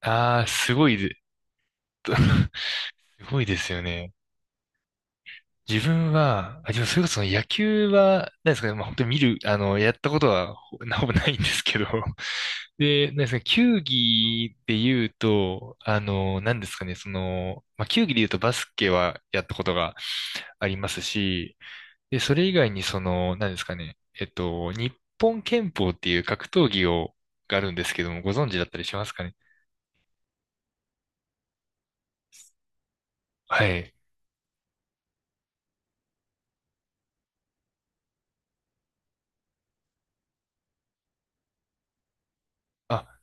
ああ、すごいで、すごいですよね。自分は、でもそれこそ野球は、何ですかね、まあ本当に見る、あの、やったことはほぼないんですけど、で、何ですかね、球技で言うと、あの、何ですかね、その、まあ球技で言うとバスケはやったことがありますし、で、それ以外にその、何ですかね、えっと、日本拳法っていう格闘技があるんですけども、ご存知だったりしますかね。はい。あ、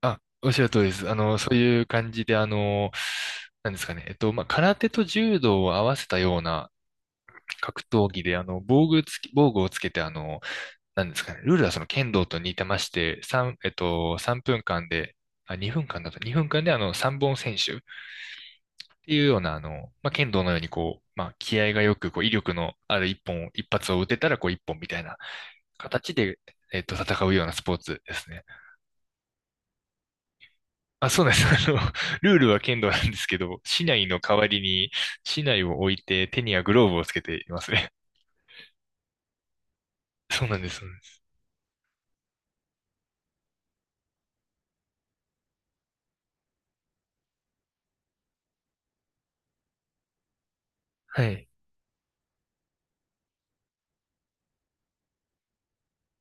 おっしゃる通りです。そういう感じで、あの、なんですかね。えっと、まあ、空手と柔道を合わせたような格闘技で、防具をつけて、あの、なんですかね。ルールはその剣道と似てまして、三えっと、3分間で、2分間だと、2分間で3本選手ていうような、まあ、剣道のようにこう、まあ、気合がよく、こう、威力のある一本、一発を打てたら、こう、一本みたいな形で、戦うようなスポーツですね。そうなんです。ルールは剣道なんですけど、竹刀の代わりに、竹刀を置いて手にはグローブをつけていますね。そうなんです、そうなんです。はい。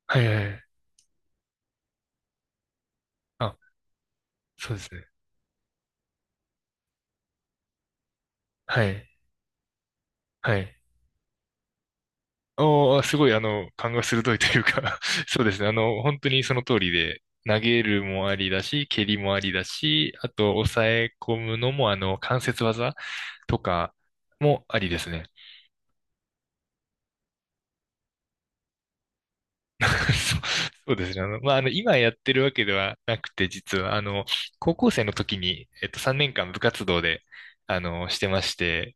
はいはいはい。あ、そうですね。はい。はい。おー、すごい、勘が鋭いというか そうですね。本当にその通りで、投げるもありだし、蹴りもありだし、あと、抑え込むのも、関節技とかもありですね。そうそうですね。今やってるわけではなくて、実は、高校生の時に、3年間部活動で、してまして、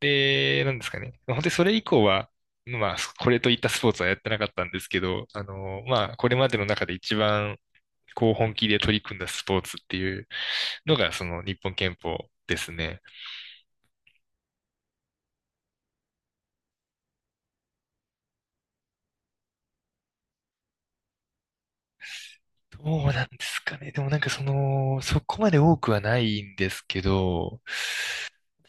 で、なんですかね。まあ本当にそれ以降は、まあ、これといったスポーツはやってなかったんですけど、これまでの中で一番、こう、本気で取り組んだスポーツっていうのが、日本拳法ですね。どうなんですかね。でもなんかその、そこまで多くはないんですけど、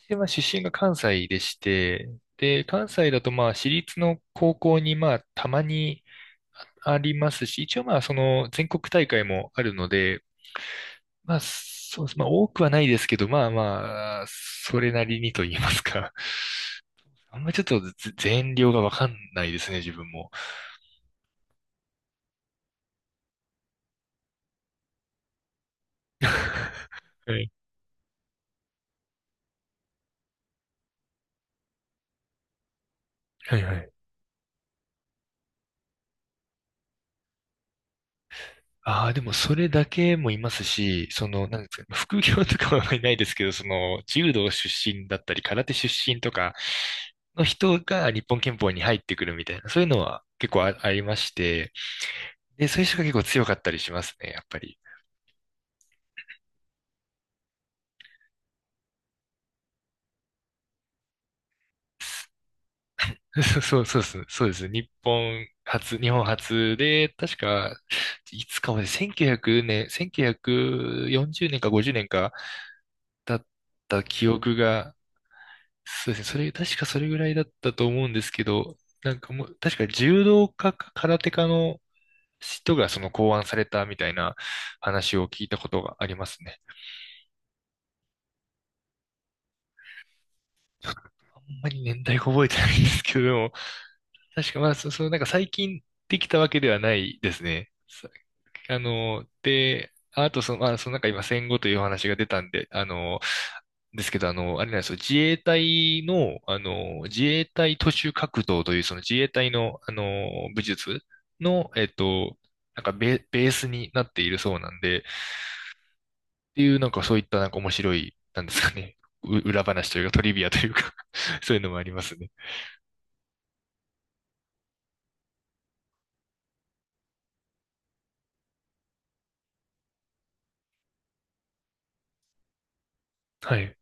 でまあ出身が関西でして、で、関西だとまあ私立の高校にまあたまにありますし、一応まあその全国大会もあるので、まあそうです。まあ多くはないですけど、まあまあ、それなりにと言いますか。あんまちょっと全量がわかんないですね、自分も。はい。はいはいああ、でもそれだけもいますし、その、なんですか、副業とかはいないですけど、その、柔道出身だったり、空手出身とかの人が日本拳法に入ってくるみたいな、そういうのは結構ありまして、で、そういう人が結構強かったりしますね、やっぱり。そうですね。そうですね。日本初、日本初で、確か、いつかまで1900年、1940年か50年かだった記憶がそうですね。確かそれぐらいだったと思うんですけど、なんかもう、確か柔道家か空手家の人がその考案されたみたいな話を聞いたことがありますね。ちょっとあんまり年代が覚えてないんですけど、でも確かまあ、そのなんか最近できたわけではないですね。で、あとそのなんか今戦後というお話が出たんで、あの、ですけど、あの、あれなんですよ、自衛隊の、自衛隊徒手格闘という、その自衛隊の、武術の、ベースになっているそうなんで、っていう、なんかそういったなんか面白い、なんですかね、う 裏話というかトリビアというか そういうのもありますね。はい。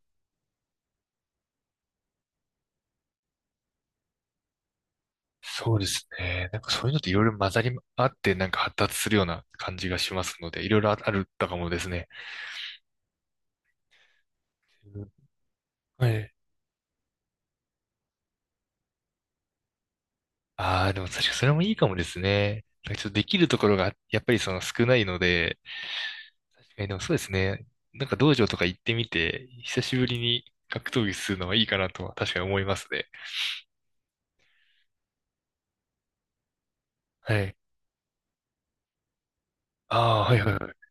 そうですね。なんかそういうのっていろいろ混ざり合って、なんか発達するような感じがしますので、いろいろあるかもですね。はい。ああ、でも確かにそれもいいかもですね。なんかちょっとできるところがやっぱりその少ないので、確かにでもそうですね。なんか道場とか行ってみて、久しぶりに格闘技するのはいいかなとは確かに思いますね。はい。ああ、はいはいはい。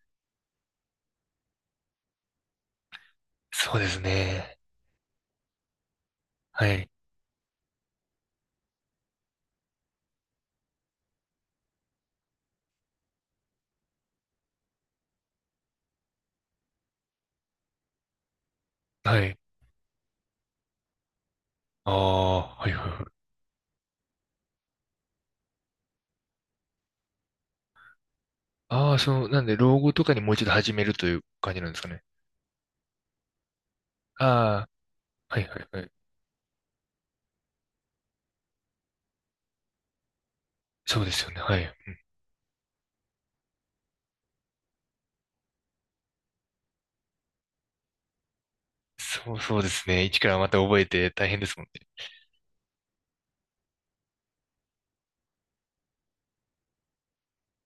そうですね。はい。はい。ああ、はいはいはい。ああ、その、なんで老後とかにもう一度始めるという感じなんですかね。ああ、はいはいはい。そうですよね。はい。そうですね。一からまた覚えて大変ですもんね。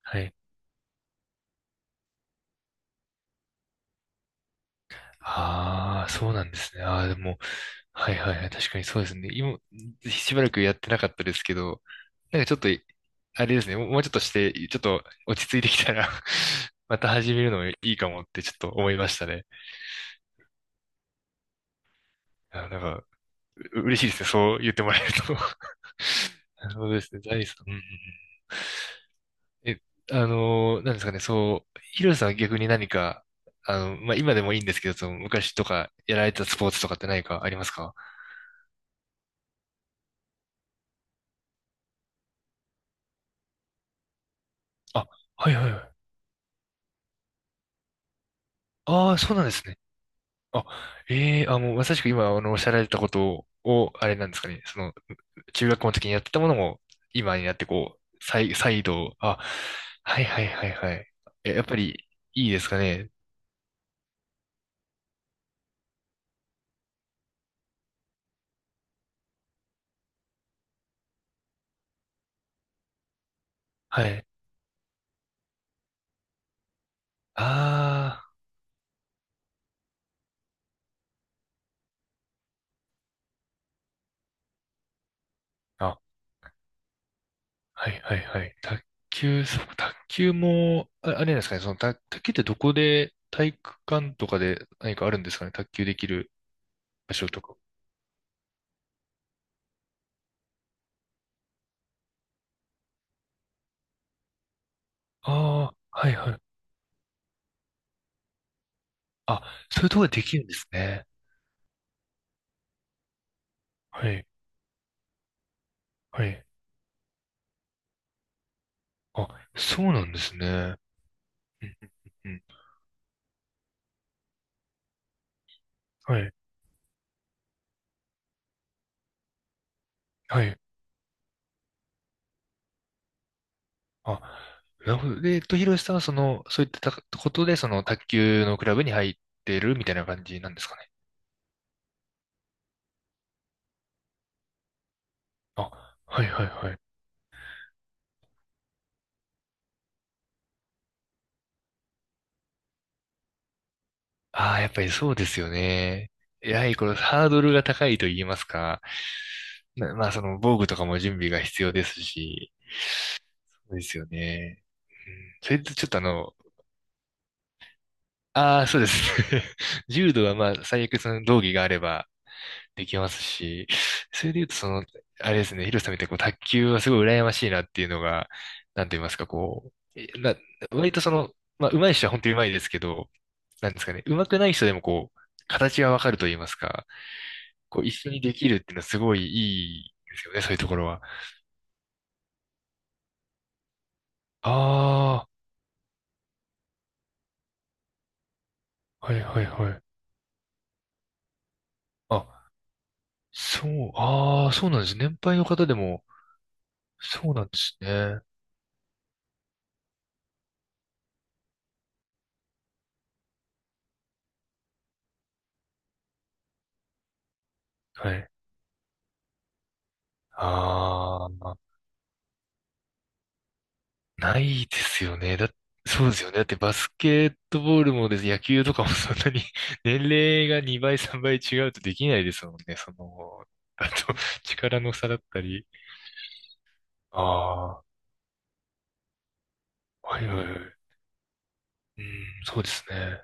はい。ああ、そうなんですね。ああ、でも、はいはいはい。確かにそうですね。今、しばらくやってなかったですけど、なんかちょっと、あれですね。もうちょっとして、ちょっと落ち着いてきたら また始めるのもいいかもってちょっと思いましたね。あ、なんか、嬉しいですね。そう言ってもらえると なるほどですね。財産。うんうんうんえ、あのーなんですかね、そう、ヒロさんは逆に何か、今でもいいんですけど、その昔とかやられたスポーツとかって何かありますかあ、はいはいはい。ああ、そうなんですね。あ、もうまさしく今、おっしゃられたことを、あれなんですかね。その、中学校の時にやってたものも、今になってこう、再度、あ、はいはいはいはい。え、やっぱり、いいですかね。はい。ああ、あ、はいはいはい。卓球も、あ、あれなんですかね。その、卓球ってどこで、体育館とかで何かあるんですかね。卓球できる場所とか。ああ、はいはい。あ、そういうところでできるんですね。はい。はい。あ、そうなんですね。うんうんうんはい。はい。あ、なるほど。で、ひろしさんはその、そういったことで、その、卓球のクラブに入ってるみたいな感じなんですかね。あ、はいはいはい。ああ、やっぱりそうですよね。やはりこのハードルが高いと言いますか。まあ、その、防具とかも準備が必要ですし。そうですよね。うん、それとちょっとあの、ああ、そうですね。柔道はまあ、最悪その道着があればできますし、それで言うと、その、あれですね、ヒロさんみたいにこう卓球はすごい羨ましいなっていうのが、なんと言いますか、こう、えな、割とその、まあ、上手い人は本当に上手いですけど、なんですかね、上手くない人でもこう、形がわかると言いますか、こう、一緒にできるっていうのはすごいいいですよね、そういうところは。ああ、はいはいはい。あ、そう、ああ、そうなんです。年配の方でも、そうなんですね。はい。ああ。ないですよね。そうですよね。だってバスケットボールもです、野球とかもそんなに 年齢が2倍、3倍違うとできないですもんね。その、あと、力の差だったり。ああ、はいはいはい。うん、そうですね。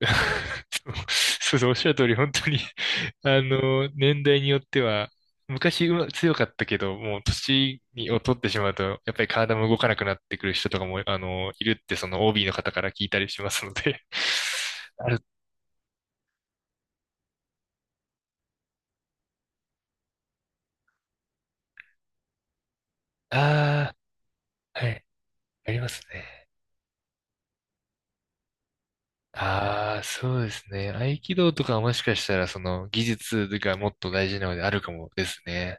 そうそう、おっしゃる通り、本当に 年代によっては、昔強かったけど、もう年を取ってしまうと、やっぱり体も動かなくなってくる人とかも、いるって、その OB の方から聞いたりしますので ある、ああ、はい、ありますね。ああ、そうですね。合気道とかはもしかしたら、その技術がもっと大事なのであるかもですね。